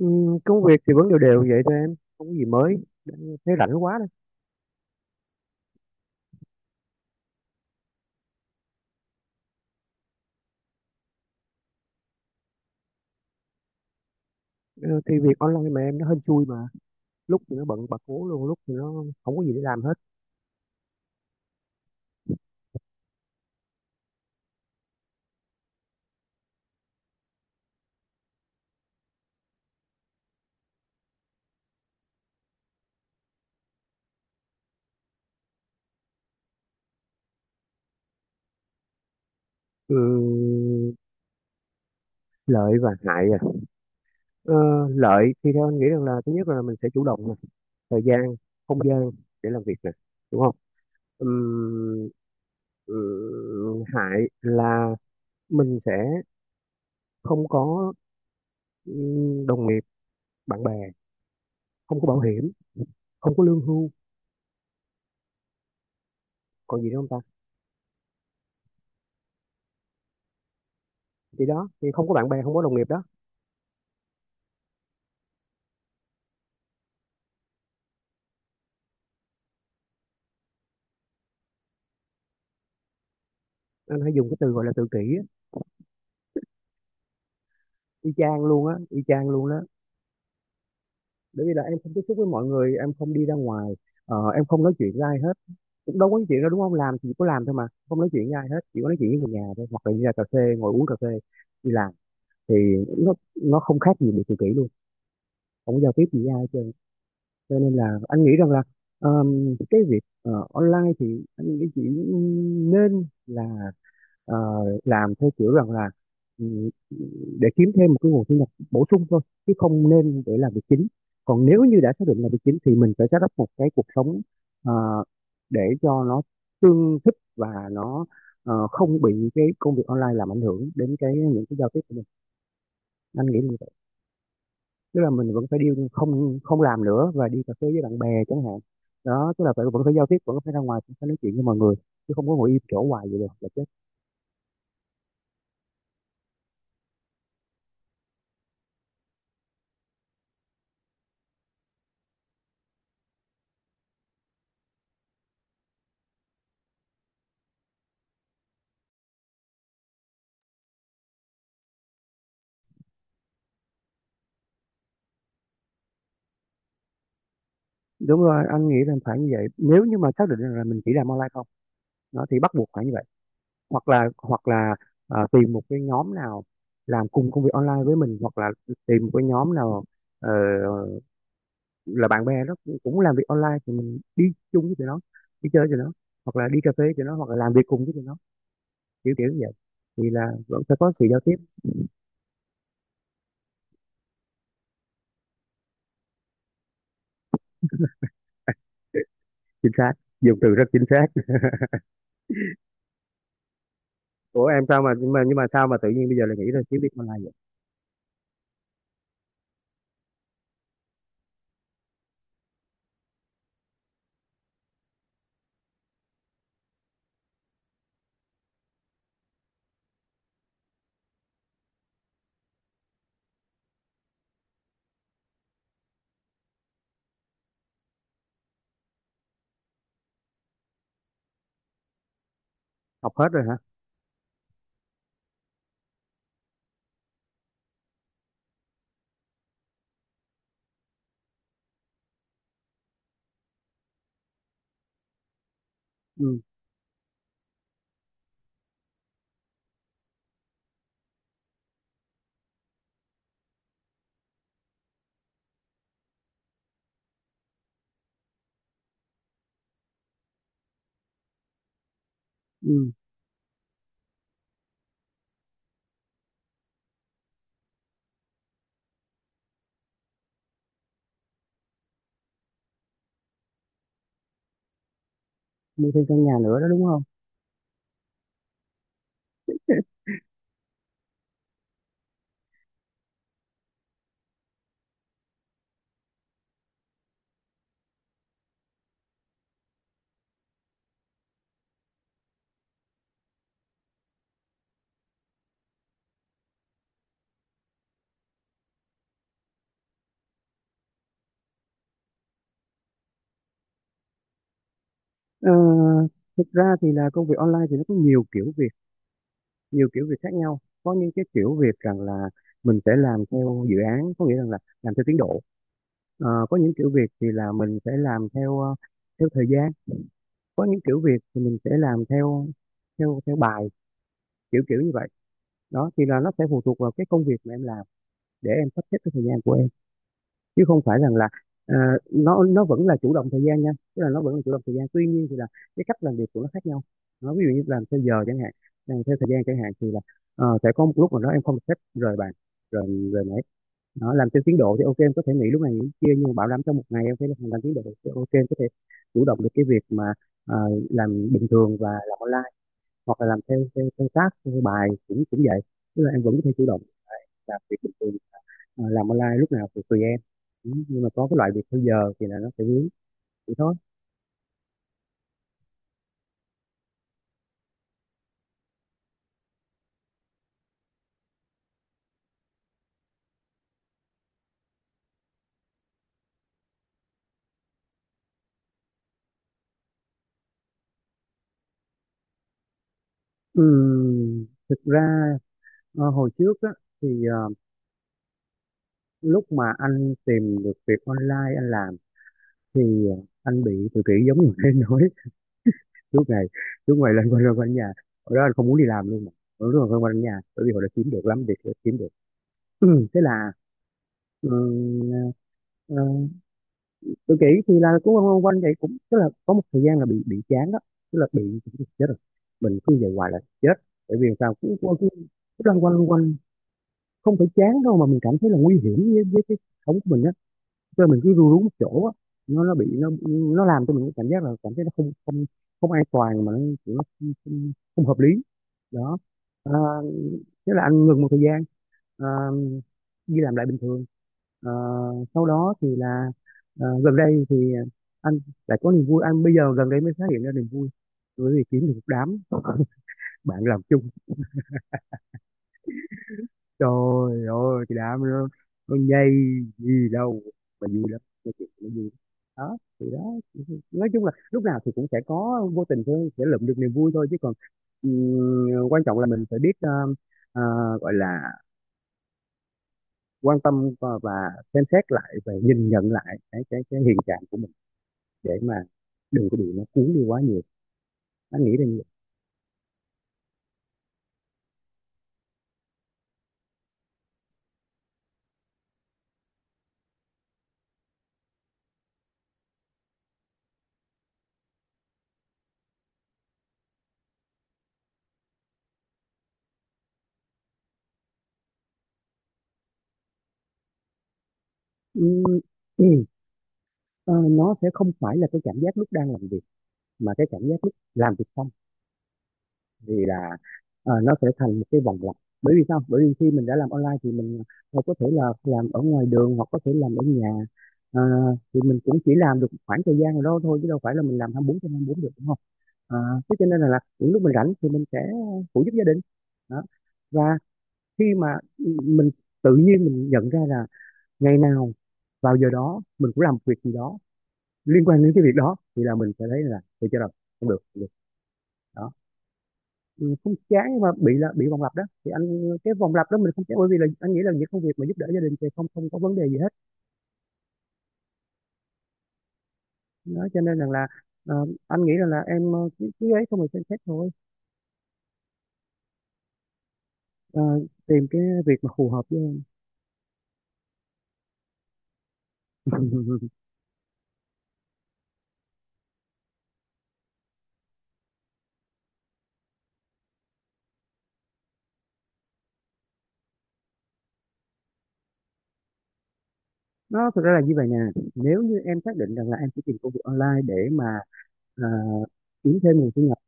Công việc thì vẫn đều đều vậy thôi, em không có gì mới. Đã- Thấy rảnh quá đó. Ờ, thì việc online mà em, nó hên xui mà, lúc thì nó bận bật cố luôn, lúc thì nó không có gì để làm hết. Ừm, Lợi và hại à? Ờ, Lợi thì theo anh nghĩ rằng là thứ nhất là mình sẽ chủ động nè, thời gian, không gian để làm việc nè, đúng không? Ừm, Hại là mình sẽ không có đồng nghiệp, bạn bè, không có bảo hiểm, không có lương hưu. Còn gì nữa không ta? Thì đó, thì không có bạn bè, không có đồng nghiệp đó. Anh hay dùng cái từ gọi là tự kỷ á, y chang luôn á, y chang luôn đó. Bởi vì là em không tiếp xúc với mọi người, em không đi ra ngoài, em không nói chuyện với ai hết. Cũng đâu có nói chuyện đâu, đúng không? Làm thì chỉ có làm thôi mà không nói chuyện với ai hết, chỉ có nói chuyện với người nhà thôi hoặc là đi ra cà phê ngồi uống cà phê. Đi làm thì nó nó không khác gì bị tự kỷ luôn, không có giao tiếp gì với ai hết trơn. Cho nên là anh nghĩ rằng là cái việc online thì anh nghĩ chỉ nên là ờ, làm theo kiểu rằng là ừ, để kiếm thêm một cái nguồn thu nhập bổ sung thôi, chứ không nên để làm việc chính. Còn nếu như đã xác định là việc chính thì mình phải set up một cái cuộc sống, ờ, để cho nó tương thích và nó không bị cái công việc online làm ảnh hưởng đến cái những cái giao tiếp của mình. Anh nghĩ như vậy. Tức là mình vẫn phải đi, không không làm nữa và đi cà phê với bạn bè chẳng hạn. Đó, tức là phải vẫn phải giao tiếp, vẫn phải ra ngoài, vẫn phải nói chuyện với mọi người, chứ không có ngồi im chỗ hoài vậy được. Đúng rồi, anh nghĩ là phải như vậy. Nếu như mà xác định rằng là mình chỉ làm online không nó thì bắt buộc phải như vậy. Hoặc là tìm một cái nhóm nào làm cùng công việc online với mình, hoặc là tìm một cái nhóm nào ờ, là bạn bè đó cũng làm việc online thì mình đi chung với tụi nó, đi chơi với tụi nó, hoặc là đi cà phê với tụi nó, hoặc là làm việc cùng với tụi nó, kiểu kiểu như vậy, thì là vẫn sẽ có sự giao tiếp. Chính xác, dùng từ rất chính xác. Ủa em sao mà, nhưng mà sao mà tự nhiên bây giờ lại nghĩ là kiếm việc online vậy? Học hết rồi hả? Ừ, ừ. Mua thêm căn nhà nữa đó, đúng không? Ờ, Thực ra thì là công việc online thì nó có nhiều kiểu việc khác nhau. Có những cái kiểu việc rằng là mình sẽ làm theo dự án, có nghĩa rằng là làm theo tiến độ. Có những kiểu việc thì là mình sẽ làm theo theo thời gian. Có những kiểu việc thì mình sẽ làm theo theo theo bài, kiểu kiểu như vậy. Đó thì là nó sẽ phụ thuộc vào cái công việc mà em làm để em sắp xếp cái thời gian của em, chứ không phải rằng là ờ, nó vẫn là chủ động thời gian nha. Tức là nó vẫn là chủ động thời gian, tuy nhiên thì là cái cách làm việc của nó khác nhau. Nó ví dụ như làm theo giờ chẳng hạn, làm theo thời gian chẳng hạn, thì là sẽ có một lúc mà đó em không xếp rời bàn, rồi rồi nãy. Nó làm theo tiến độ thì ok em có thể nghỉ lúc này nghỉ lúc kia, nhưng mà bảo đảm trong một ngày em phải làm tiến độ thì ok em có thể chủ động được cái việc mà ờ, làm bình thường và làm online. Hoặc là làm theo theo, theo task, theo bài, cũng cũng vậy. Tức là em vẫn có thể chủ động làm việc bình thường, làm online lúc nào thì tùy em. Ừ, nhưng mà có cái loại việc theo giờ thì là nó sẽ vướng vậy thôi. Thực ra hồi trước á thì lúc mà anh tìm được việc online anh làm thì anh bị tự kỷ giống như em nói. lúc ngày lúc ngày lên quanh nhà, ở đó anh không muốn đi làm luôn mà. Lúc đó là quanh quanh nhà, bởi vì họ đã kiếm được lắm việc đã kiếm được. Thế là ừ, tự kỷ thì là cũng quanh quanh quanh vậy, cũng tức là có một thời gian là bị chán đó, tức là bị chết rồi, mình cứ về hoài là chết. Bởi vì sao, cứ, cứ, cứ cứ loanh quanh loanh quanh. Không phải chán đâu mà mình cảm thấy là nguy hiểm với cái sống của mình á, cho nên mình cứ ru rú một chỗ á. Nó nó bị nó nó làm cho mình cái cảm giác là cảm thấy nó không không không an toàn, mà nó không hợp lý đó. à, Thế là anh ngừng một thời gian, ờ, đi làm lại bình thường. Ờ, Sau đó thì là gần đây thì anh lại có niềm vui, anh bây giờ gần đây mới phát hiện ra niềm vui, bởi vì kiếm được một đám bạn làm chung. Trời ơi, cái đám nó nhây gì đâu mà vui lắm, nói chuyện nó vui lắm. Đó thì đó, nói chung là lúc nào thì cũng sẽ có vô tình thôi sẽ lượm được niềm vui thôi, chứ còn ừ, quan trọng là mình phải biết ờ, gọi là quan tâm và xem xét lại và nhìn nhận lại cái hiện trạng của mình, để mà đừng có bị nó cuốn đi quá nhiều. Anh nghĩ là như vậy. Ừm, ờ, nó sẽ không phải là cái cảm giác lúc đang làm việc, mà cái cảm giác lúc làm việc xong, vì là nó sẽ thành một cái vòng lặp. Bởi vì sao? Bởi vì khi mình đã làm online thì mình có thể là làm ở ngoài đường hoặc có thể làm ở nhà. Ờ, thì mình cũng chỉ làm được khoảng thời gian nào đó thôi, chứ đâu phải là mình làm 24/24 được, đúng không? à, Thế cho nên là những lúc mình rảnh thì mình sẽ phụ giúp gia đình đó. Và khi mà mình tự nhiên mình nhận ra là ngày nào vào giờ đó mình cũng làm việc gì đó liên quan đến cái việc đó thì là mình sẽ thấy là thì cho rồi. Không được, không được. Đó. Ừ, không chán nhưng mà bị là bị vòng lặp đó thì anh, cái vòng lặp đó mình không chán, bởi vì là anh nghĩ là những công việc mà giúp đỡ gia đình thì không không có vấn đề gì hết đó. Cho nên rằng là anh nghĩ rằng là em cứ cứ ấy xong rồi xem xét thôi. Ờ, Tìm cái việc mà phù hợp với em. Nó thực ra là như vậy nè, nếu như em xác định rằng là em sẽ tìm công việc online để mà à, kiếm thêm nguồn thu nhập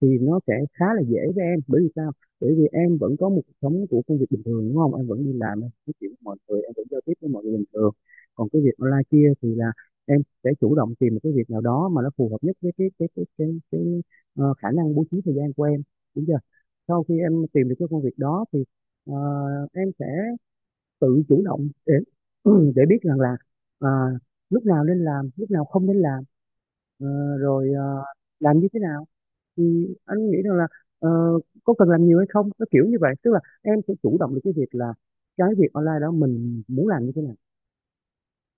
thì nó sẽ khá là dễ với em. Bởi vì sao? Bởi vì em vẫn có một cuộc sống của công việc bình thường, đúng không? Em vẫn đi làm, em nói chuyện với mọi người, em vẫn giao tiếp với mọi người bình thường. Còn cái việc online kia thì là em sẽ chủ động tìm một cái việc nào đó mà nó phù hợp nhất với cái khả năng bố trí thời gian của em, đúng chưa? Sau khi em tìm được cái công việc đó thì ờ, em sẽ tự chủ động để để biết rằng là à, lúc nào nên làm, lúc nào không nên làm, rồi làm như thế nào, thì anh nghĩ rằng là ờ, có cần làm nhiều hay không, nó kiểu như vậy. Tức là em sẽ chủ động được cái việc là cái việc online đó mình muốn làm như thế nào,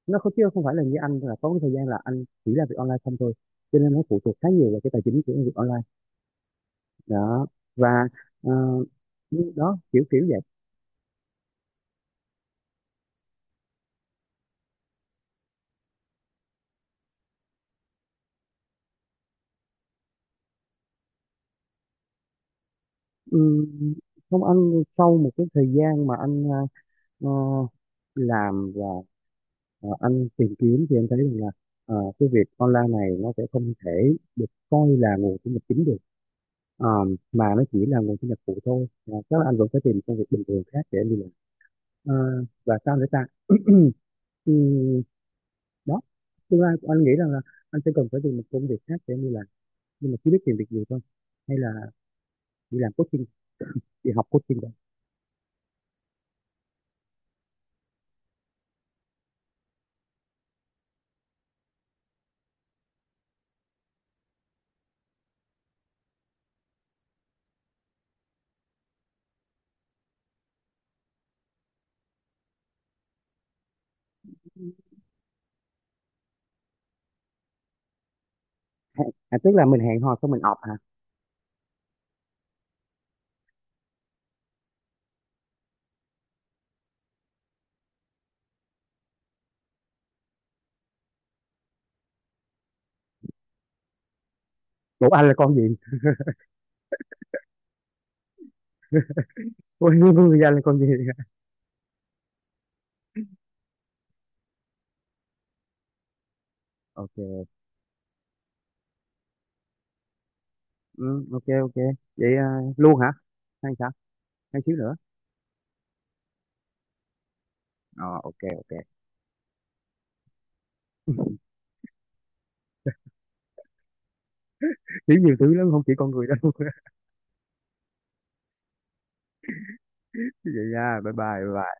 nó không, chứ không phải là như anh là có cái thời gian là anh chỉ làm việc online không thôi. Cho nên nó phụ thuộc khá nhiều vào cái tài chính của việc online đó. Và ờ, đó kiểu kiểu vậy. Ừm, Không, anh sau một cái thời gian mà anh ờ, làm và anh tìm kiếm thì anh thấy rằng là cái việc online này nó sẽ không thể được coi là nguồn thu nhập chính được. Ờ, mà nó chỉ là nguồn thu nhập phụ thôi. Ờ, Chắc là anh vẫn phải tìm công việc bình thường khác để anh đi làm. Ờ, và sao nữa ta? Ừ, Đó, tương lai của anh nghĩ rằng là anh sẽ cần phải tìm một công việc khác để anh đi làm, nhưng mà chỉ biết tìm việc gì thôi, hay là đi làm coaching, đi học coaching rồi. Tức là mình hẹn hò xong mình ọp hả? Ủa anh là con gì? Ôi anh là con gì? Ok, ừ, ok, ok. Vậy luôn hả? Hay sao? Hay xíu nữa? Ờ, ok, ok. Xíu nhiều thứ lắm, không chỉ con người đâu. Vậy nha, bye bye bye bye.